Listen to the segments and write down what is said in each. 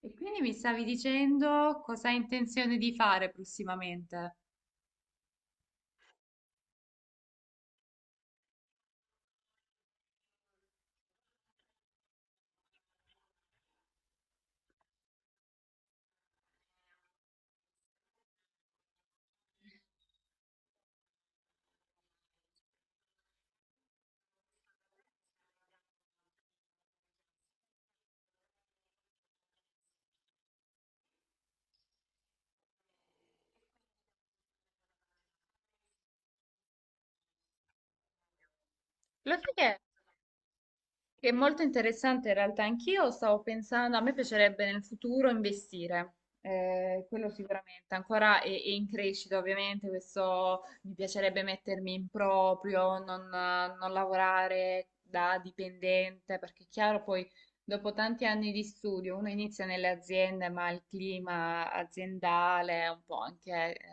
E quindi mi stavi dicendo cosa hai intenzione di fare prossimamente? Lo sai che? Che è molto interessante in realtà, anch'io stavo pensando, a me piacerebbe nel futuro investire, quello sicuramente, ancora è in crescita ovviamente, questo mi piacerebbe mettermi in proprio, non lavorare da dipendente, perché è chiaro poi dopo tanti anni di studio uno inizia nelle aziende, ma il clima aziendale, un po' anche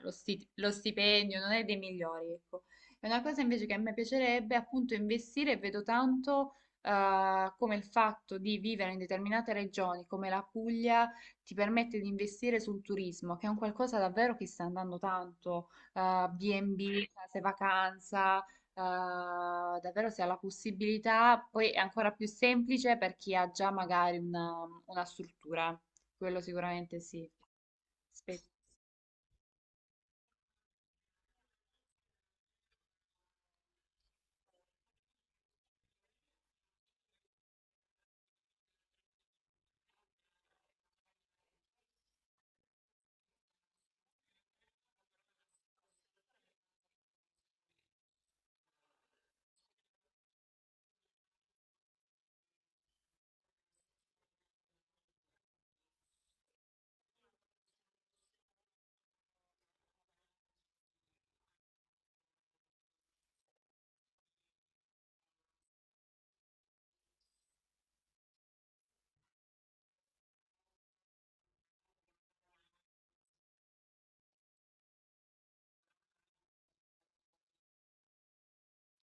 lo stipendio non è dei migliori, ecco. È una cosa invece che a me piacerebbe appunto investire, e vedo tanto come il fatto di vivere in determinate regioni, come la Puglia, ti permette di investire sul turismo, che è un qualcosa davvero che sta andando tanto, B&B, case vacanza, davvero si ha la possibilità, poi è ancora più semplice per chi ha già magari una struttura, quello sicuramente sì. Aspetta.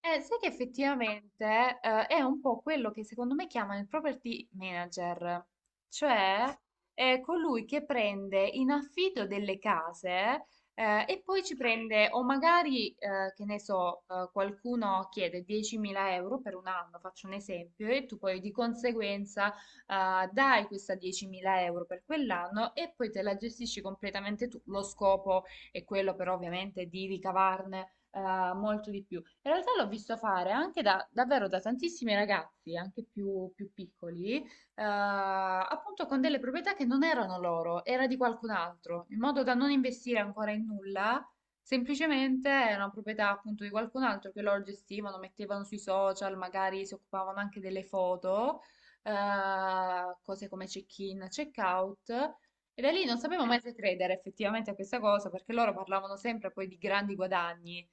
Sai che effettivamente è un po' quello che secondo me chiamano il property manager, cioè è colui che prende in affitto delle case e poi ci prende, o magari, che ne so, qualcuno chiede 10.000 euro per un anno, faccio un esempio, e tu poi di conseguenza dai questa 10.000 euro per quell'anno e poi te la gestisci completamente tu. Lo scopo è quello però ovviamente di ricavarne molto di più. In realtà l'ho visto fare anche da, davvero da tantissimi ragazzi, anche più piccoli, appunto con delle proprietà che non erano loro, era di qualcun altro, in modo da non investire ancora in nulla. Semplicemente era una proprietà appunto di qualcun altro che loro gestivano, mettevano sui social, magari si occupavano anche delle foto, cose come check-in, check-out. E da lì non sapevo mai se credere effettivamente a questa cosa, perché loro parlavano sempre poi di grandi guadagni.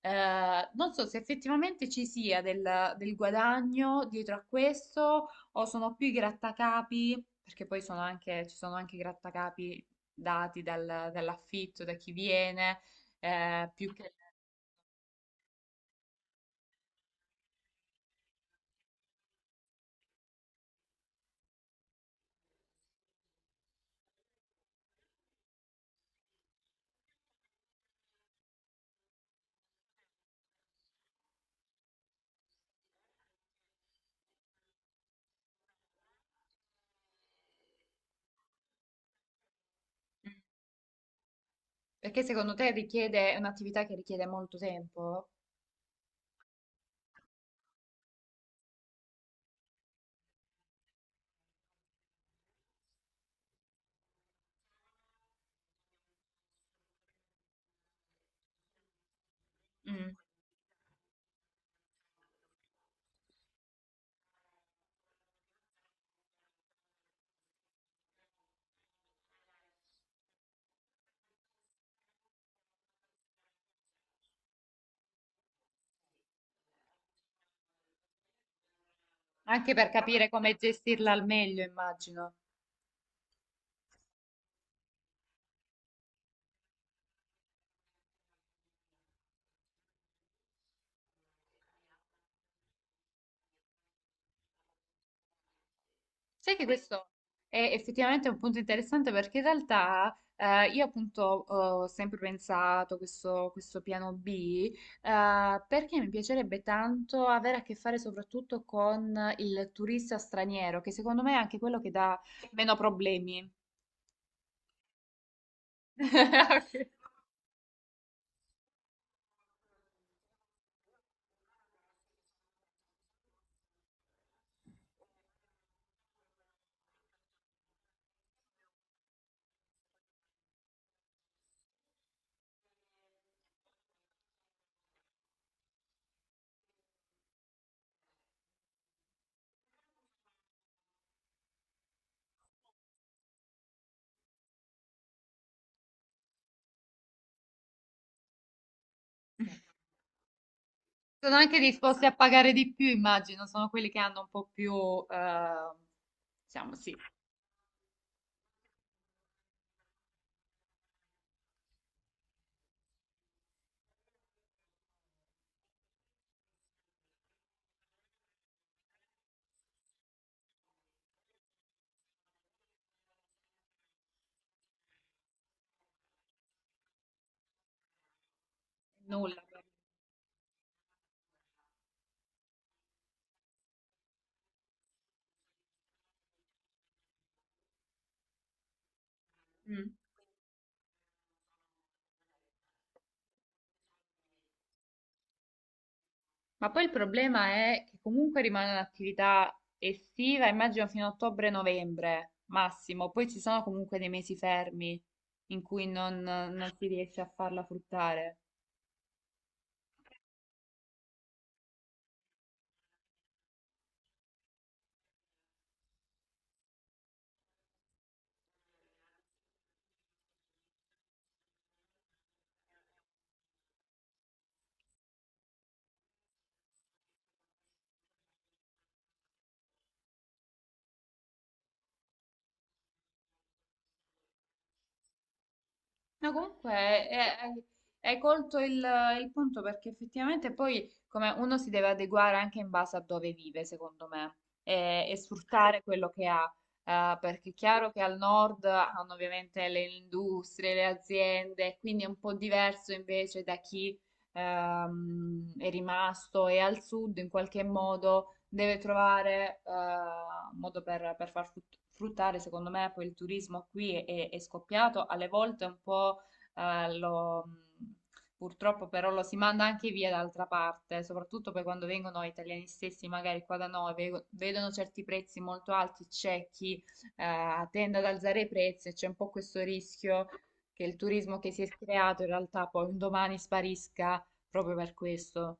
Non so se effettivamente ci sia del guadagno dietro a questo o sono più i grattacapi, perché poi sono anche, ci sono anche i grattacapi dati dall'affitto, da chi viene, più che... Mm. Perché secondo te richiede, è un'attività che richiede molto tempo? Mm. Anche per capire come gestirla al meglio, immagino. Sai che sì, questo è effettivamente un punto interessante perché in realtà io appunto ho sempre pensato questo, questo piano B perché mi piacerebbe tanto avere a che fare soprattutto con il turista straniero, che secondo me è anche quello che dà meno problemi. Sono anche disposti a pagare di più, immagino, sono quelli che hanno un po' più, eh, diciamo sì, nulla. Mm. Ma poi il problema è che comunque rimane un'attività estiva, immagino fino a ottobre-novembre massimo, poi ci sono comunque dei mesi fermi in cui non si riesce a farla fruttare. No, comunque hai colto il punto perché effettivamente poi come uno si deve adeguare anche in base a dove vive, secondo me, e sfruttare quello che ha, perché è chiaro che al nord hanno ovviamente le industrie, le aziende, quindi è un po' diverso invece da chi è rimasto e al sud in qualche modo deve trovare un modo per far fruttare, secondo me, poi il turismo qui è scoppiato, alle volte un po' eh, lo- purtroppo però lo si manda anche via d'altra parte, soprattutto poi quando vengono italiani stessi, magari qua da noi, vedono certi prezzi molto alti, c'è chi tende ad alzare i prezzi e c'è un po' questo rischio che il turismo che si è creato in realtà poi un domani sparisca proprio per questo.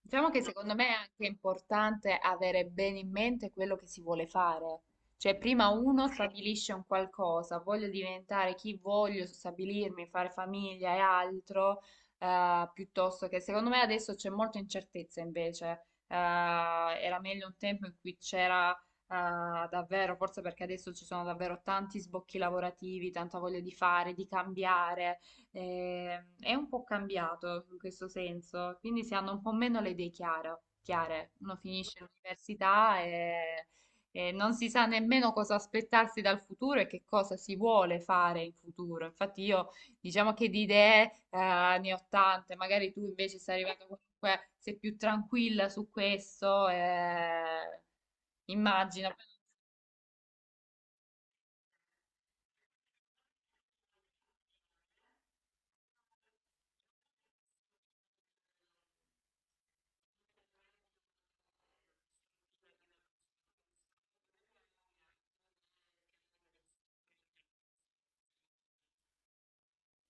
Diciamo che secondo me è anche importante avere bene in mente quello che si vuole fare. Cioè, prima uno stabilisce un qualcosa, voglio diventare chi voglio, stabilirmi, fare famiglia e altro, piuttosto che secondo me adesso c'è molta incertezza invece. Era meglio un tempo in cui c'era davvero, forse perché adesso ci sono davvero tanti sbocchi lavorativi, tanta voglia di fare, di cambiare è un po' cambiato in questo senso, quindi si hanno un po' meno le idee chiare. Uno finisce l'università e non si sa nemmeno cosa aspettarsi dal futuro e che cosa si vuole fare in futuro. Infatti io diciamo che di idee ne ho tante, magari tu invece sei arrivato comunque, sei più tranquilla su questo, immagino.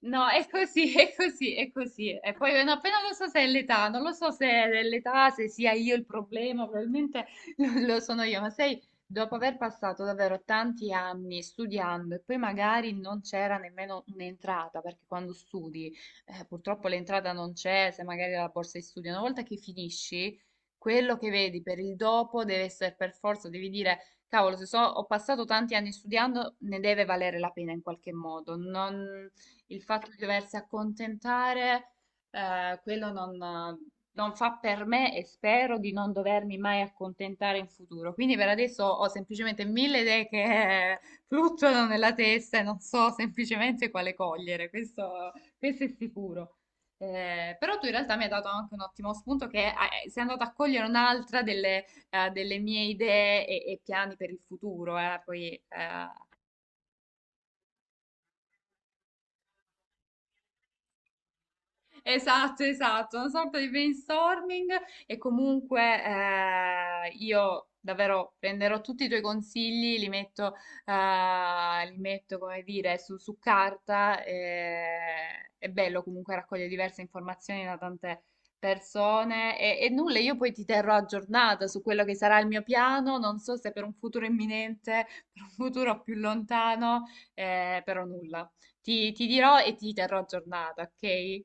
No, è così, è così, è così. E poi no, poi non lo so se è l'età, non lo so se è l'età, se sia io il problema, probabilmente lo sono io, ma sai, dopo aver passato davvero tanti anni studiando e poi magari non c'era nemmeno un'entrata, perché quando studi, purtroppo l'entrata non c'è, se magari la borsa di studio, una volta che finisci, quello che vedi per il dopo deve essere per forza, devi dire... Cavolo, se so, ho passato tanti anni studiando, ne deve valere la pena in qualche modo. Non, il fatto di doversi accontentare, quello non fa per me e spero di non dovermi mai accontentare in futuro. Quindi per adesso ho semplicemente mille idee che fluttuano nella testa e non so semplicemente quale cogliere, questo è sicuro. Però tu in realtà mi hai dato anche un ottimo spunto che sei andato a cogliere un'altra delle mie idee e piani per il futuro, eh. Poi esatto, esatto, una sorta di brainstorming e comunque io davvero prenderò tutti i tuoi consigli, li metto come dire, su carta. È bello comunque raccogliere diverse informazioni da tante persone e nulla, io poi ti terrò aggiornata su quello che sarà il mio piano, non so se per un futuro imminente, per un futuro più lontano, però nulla. Ti dirò e ti terrò aggiornata, ok?